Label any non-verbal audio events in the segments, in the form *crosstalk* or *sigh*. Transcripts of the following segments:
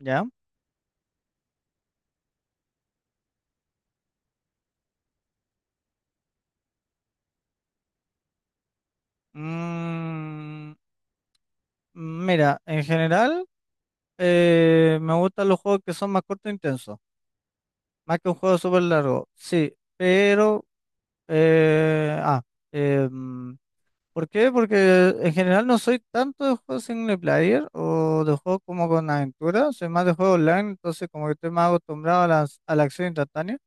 ¿Ya? Mm, Mira, en general me gustan los juegos que son más cortos e intensos, más que un juego súper largo, sí, pero. eh, ah, eh, mm, ¿Por qué? Porque en general no soy tanto de juegos single player o de juegos como con aventura, soy más de juegos online, entonces como que estoy más acostumbrado a la acción instantánea,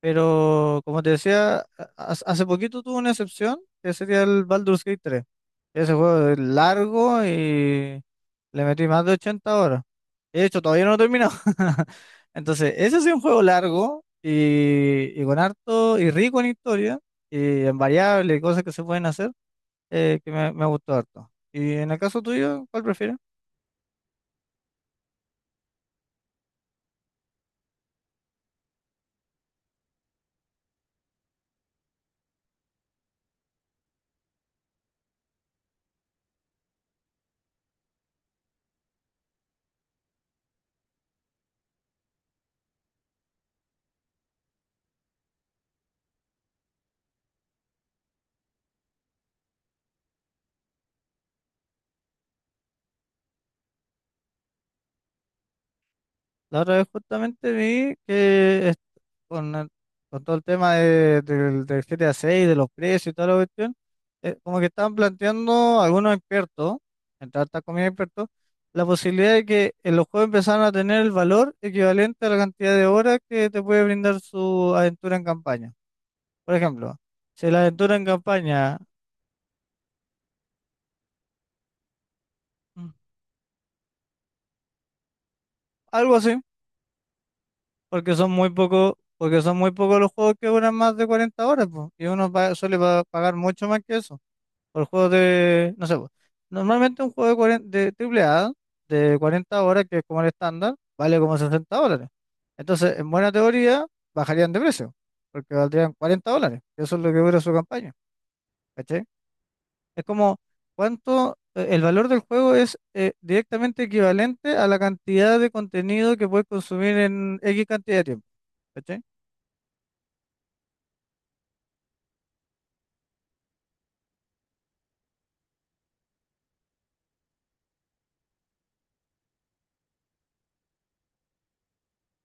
pero como te decía, hace poquito tuve una excepción, que sería el Baldur's Gate 3. Ese juego es largo y le metí más de 80 horas. De hecho, todavía no lo he terminado. *laughs* Entonces, ese sí es un juego largo y con harto y rico en historia y en variables y cosas que se pueden hacer que me gustó harto. Y en el caso tuyo, ¿cuál prefieres? La otra vez justamente vi que con, el- con todo el tema del GTA 6, de los precios y toda la cuestión, como que estaban planteando algunos expertos, entre altas comillas expertos, la posibilidad de que los juegos empezaran a tener el valor equivalente a la cantidad de horas que te puede brindar su aventura en campaña. Por ejemplo, si la aventura en campaña, mm, algo así, porque son muy pocos los juegos que duran más de 40 horas, pues, y uno suele pagar mucho más que eso. Por juegos de, no sé, pues, normalmente un juego de, 40 de triple A de 40 horas, que es como el estándar, vale como $60. Entonces, en buena teoría, bajarían de precio, porque valdrían $40. Eso es lo que dura su campaña, ¿cachai? Es como cuánto, el valor del juego es directamente equivalente a la cantidad de contenido que puedes consumir en X cantidad de tiempo, ¿cachai?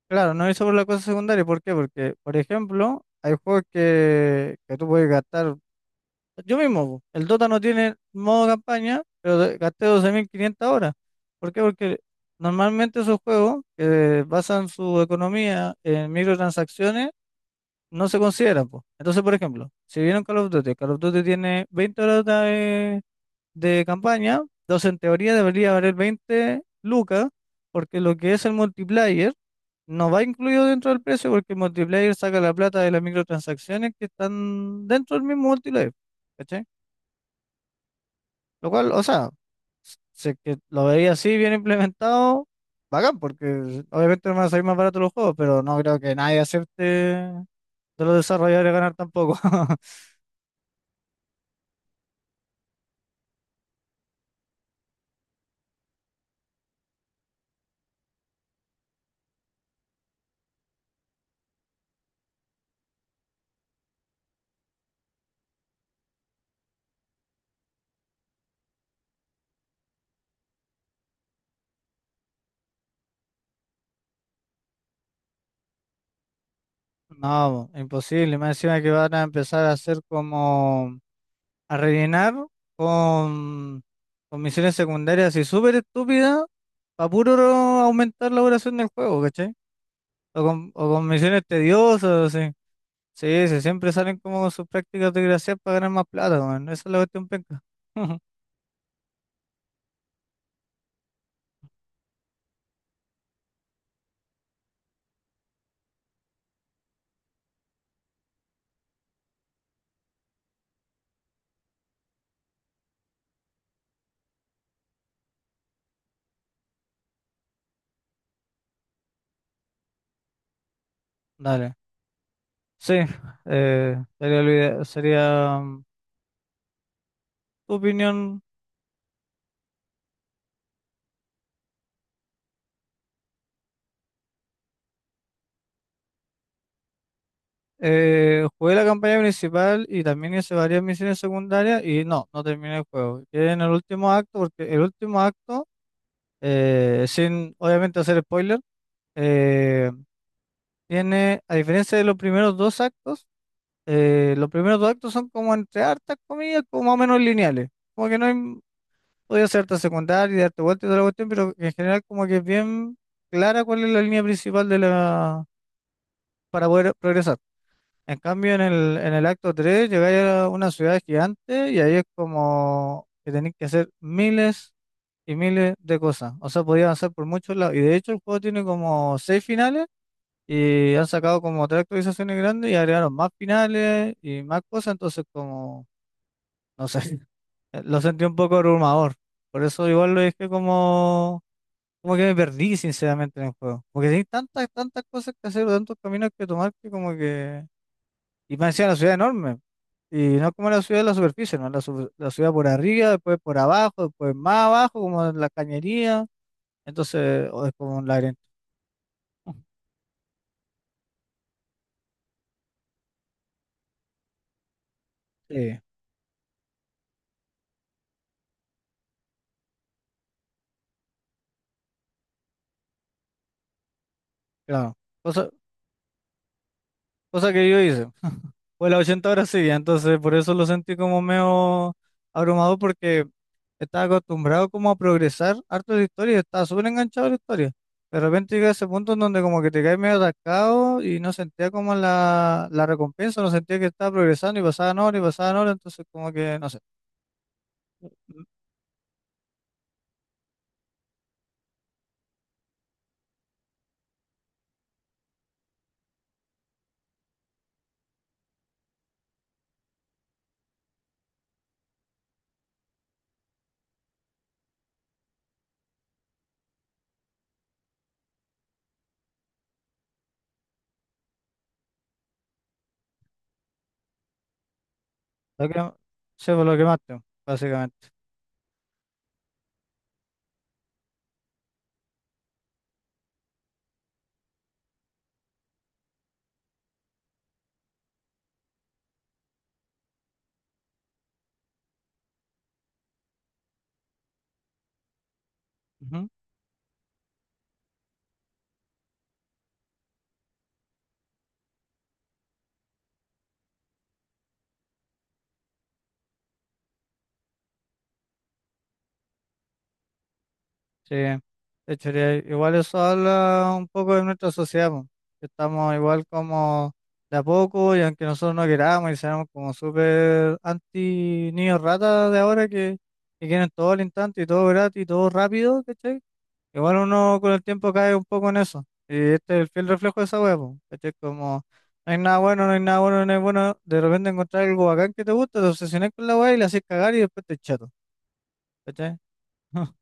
Claro, no es sobre la cosa secundaria, ¿por qué? Porque, por ejemplo, hay juegos que tú puedes gastar. Yo mismo, po. El Dota no tiene modo campaña, pero gasté 12.500 horas. ¿Por qué? Porque normalmente esos juegos que basan su economía en microtransacciones no se consideran, po. Entonces, por ejemplo, si vieron Call of Duty tiene 20 horas de campaña, entonces en teoría debería valer 20 lucas, porque lo que es el multiplayer no va incluido dentro del precio, porque el multiplayer saca la plata de las microtransacciones que están dentro del mismo multiplayer. Lo cual, o sea, sé que lo veía así bien implementado, bacán, porque obviamente no van a salir más baratos los juegos, pero no creo que nadie acepte de los desarrolladores ganar tampoco. *laughs* No, imposible. Más encima que van a empezar a hacer como a rellenar con, con misiones secundarias y súper estúpidas para puro aumentar la duración del juego, ¿cachai? O con misiones tediosas, así. Sí, sí, siempre salen como con sus prácticas de gracia para ganar más plata, weón. Esa es la cuestión penca. *laughs* Dale. Sí, sería tu opinión. Jugué la campaña principal y también hice varias misiones secundarias y no, no terminé el juego. Quedé en el último acto porque el último acto, sin obviamente hacer spoiler, eh, tiene, a diferencia de los primeros dos actos, los primeros dos actos son como entre hartas comillas, como más o menos lineales. Como que no hay podía hacer harta secundaria y darte vueltas y toda la cuestión, pero en general como que es bien clara cuál es la línea principal de la para poder progresar. En cambio, en el acto 3 llegáis a una ciudad gigante y ahí es como que tenéis que hacer miles y miles de cosas. O sea, podía avanzar por muchos lados. Y de hecho el juego tiene como seis finales y han sacado como tres actualizaciones grandes y agregaron más finales y más cosas. Entonces como, no sé, *laughs* lo sentí un poco abrumador. Por eso igual lo dejé como. Como que me perdí sinceramente en el juego. Porque hay tantas, tantas cosas que hacer, tantos caminos que tomar que como que. Y me decía la ciudad enorme. Y no como la ciudad de la superficie, ¿no? La ciudad por arriba, después por abajo, después más abajo, como en la cañería. Entonces, o es como un laberinto. Sí, claro. Cosa, cosa que yo hice. Fue las 80 horas seguidas, entonces por eso lo sentí como medio abrumador porque estaba acostumbrado como a progresar harto de la historia, estaba súper enganchado a la historia. De repente llegué a ese punto en donde como que te caes medio atascado y no sentía como la recompensa, no sentía que estaba progresando y pasaban horas, entonces como que, no sé, lo que, sí, pues, lo quemaste, básicamente. Sí, de hecho, igual eso habla un poco de nuestra sociedad, po, que estamos igual como de a poco y aunque nosotros no queramos y seamos como súper anti niños ratas de ahora que quieren todo al instante y todo gratis y todo rápido, ¿cachai? Igual uno con el tiempo cae un poco en eso. Y este es el fiel reflejo de esa hueá, po, ¿cachai? Como no hay nada bueno, no hay nada bueno, no hay bueno, de repente encontrar algo bacán que te gusta, te obsesionas con la hueá y la haces cagar y después te echato, ¿cachai? *laughs*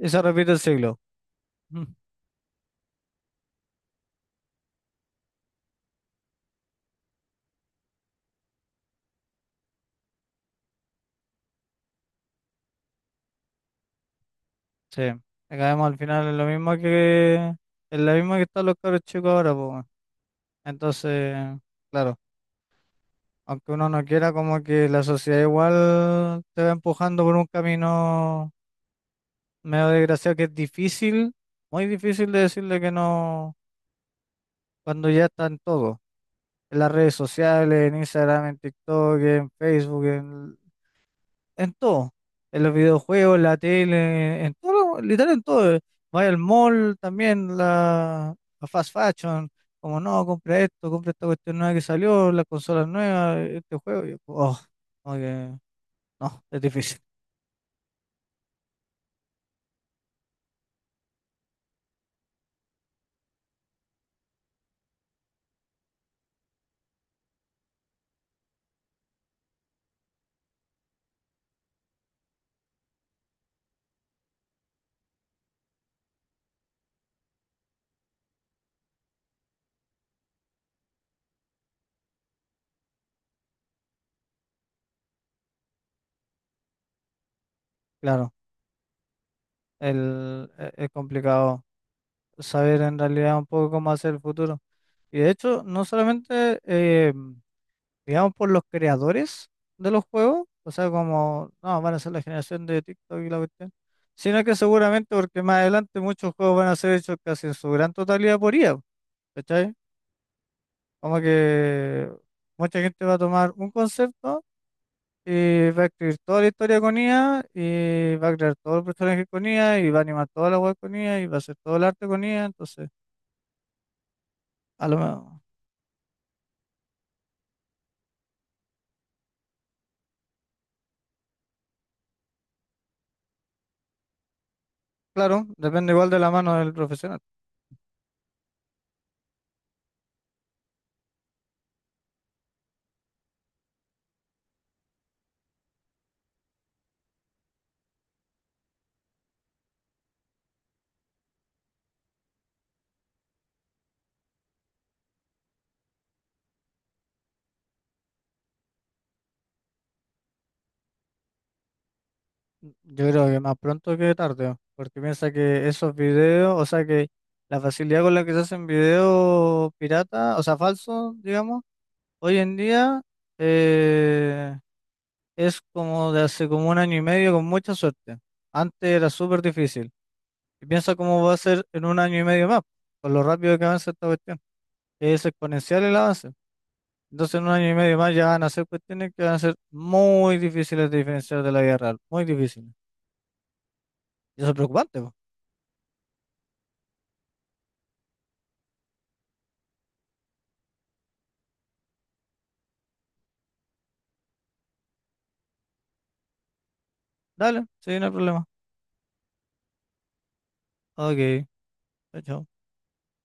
Y se repite el siglo. *laughs* Sí, acabemos al final en lo mismo que están los cabros chicos ahora, pues, weón. Entonces, claro, aunque uno no quiera, como que la sociedad igual te va empujando por un camino medio desgraciado que es difícil, muy difícil de decirle que no cuando ya están todos, en las redes sociales, en Instagram, en TikTok, en Facebook, en todo, en los videojuegos, la tele, en todo, literal en todo. Vaya al mall también, la fast fashion, como no, compra esto, compra esta cuestión nueva que salió, las consolas nuevas, este juego. Yo, oh, como que no, es difícil, claro, es complicado saber en realidad un poco cómo hacer el futuro. Y de hecho, no solamente digamos, por los creadores de los juegos, o sea, como, no, van a ser la generación de TikTok y la cuestión, sino que seguramente porque más adelante muchos juegos van a ser hechos casi en su gran totalidad por IA, ¿cachai? Como que mucha gente va a tomar un concepto y va a escribir toda la historia con IA y va a crear todos los personajes con IA y va a animar toda la web con IA y va a hacer todo el arte con IA, entonces, a lo mejor, claro, depende igual de la mano del profesional. Yo creo que más pronto que tarde, porque piensa que esos videos, o sea que la facilidad con la que se hacen videos pirata, o sea, falsos, digamos, hoy en día eh, es como de hace como un año y medio con mucha suerte. Antes era súper difícil. Y piensa cómo va a ser en un año y medio más, con lo rápido que avanza esta cuestión, que es exponencial el avance. Entonces en un año y medio más ya van a ser cuestiones que van a ser muy difíciles de diferenciar de la vida real, muy difíciles. Y eso es preocupante, pues. Dale, sí, no hay problema. Ok, chao, chao.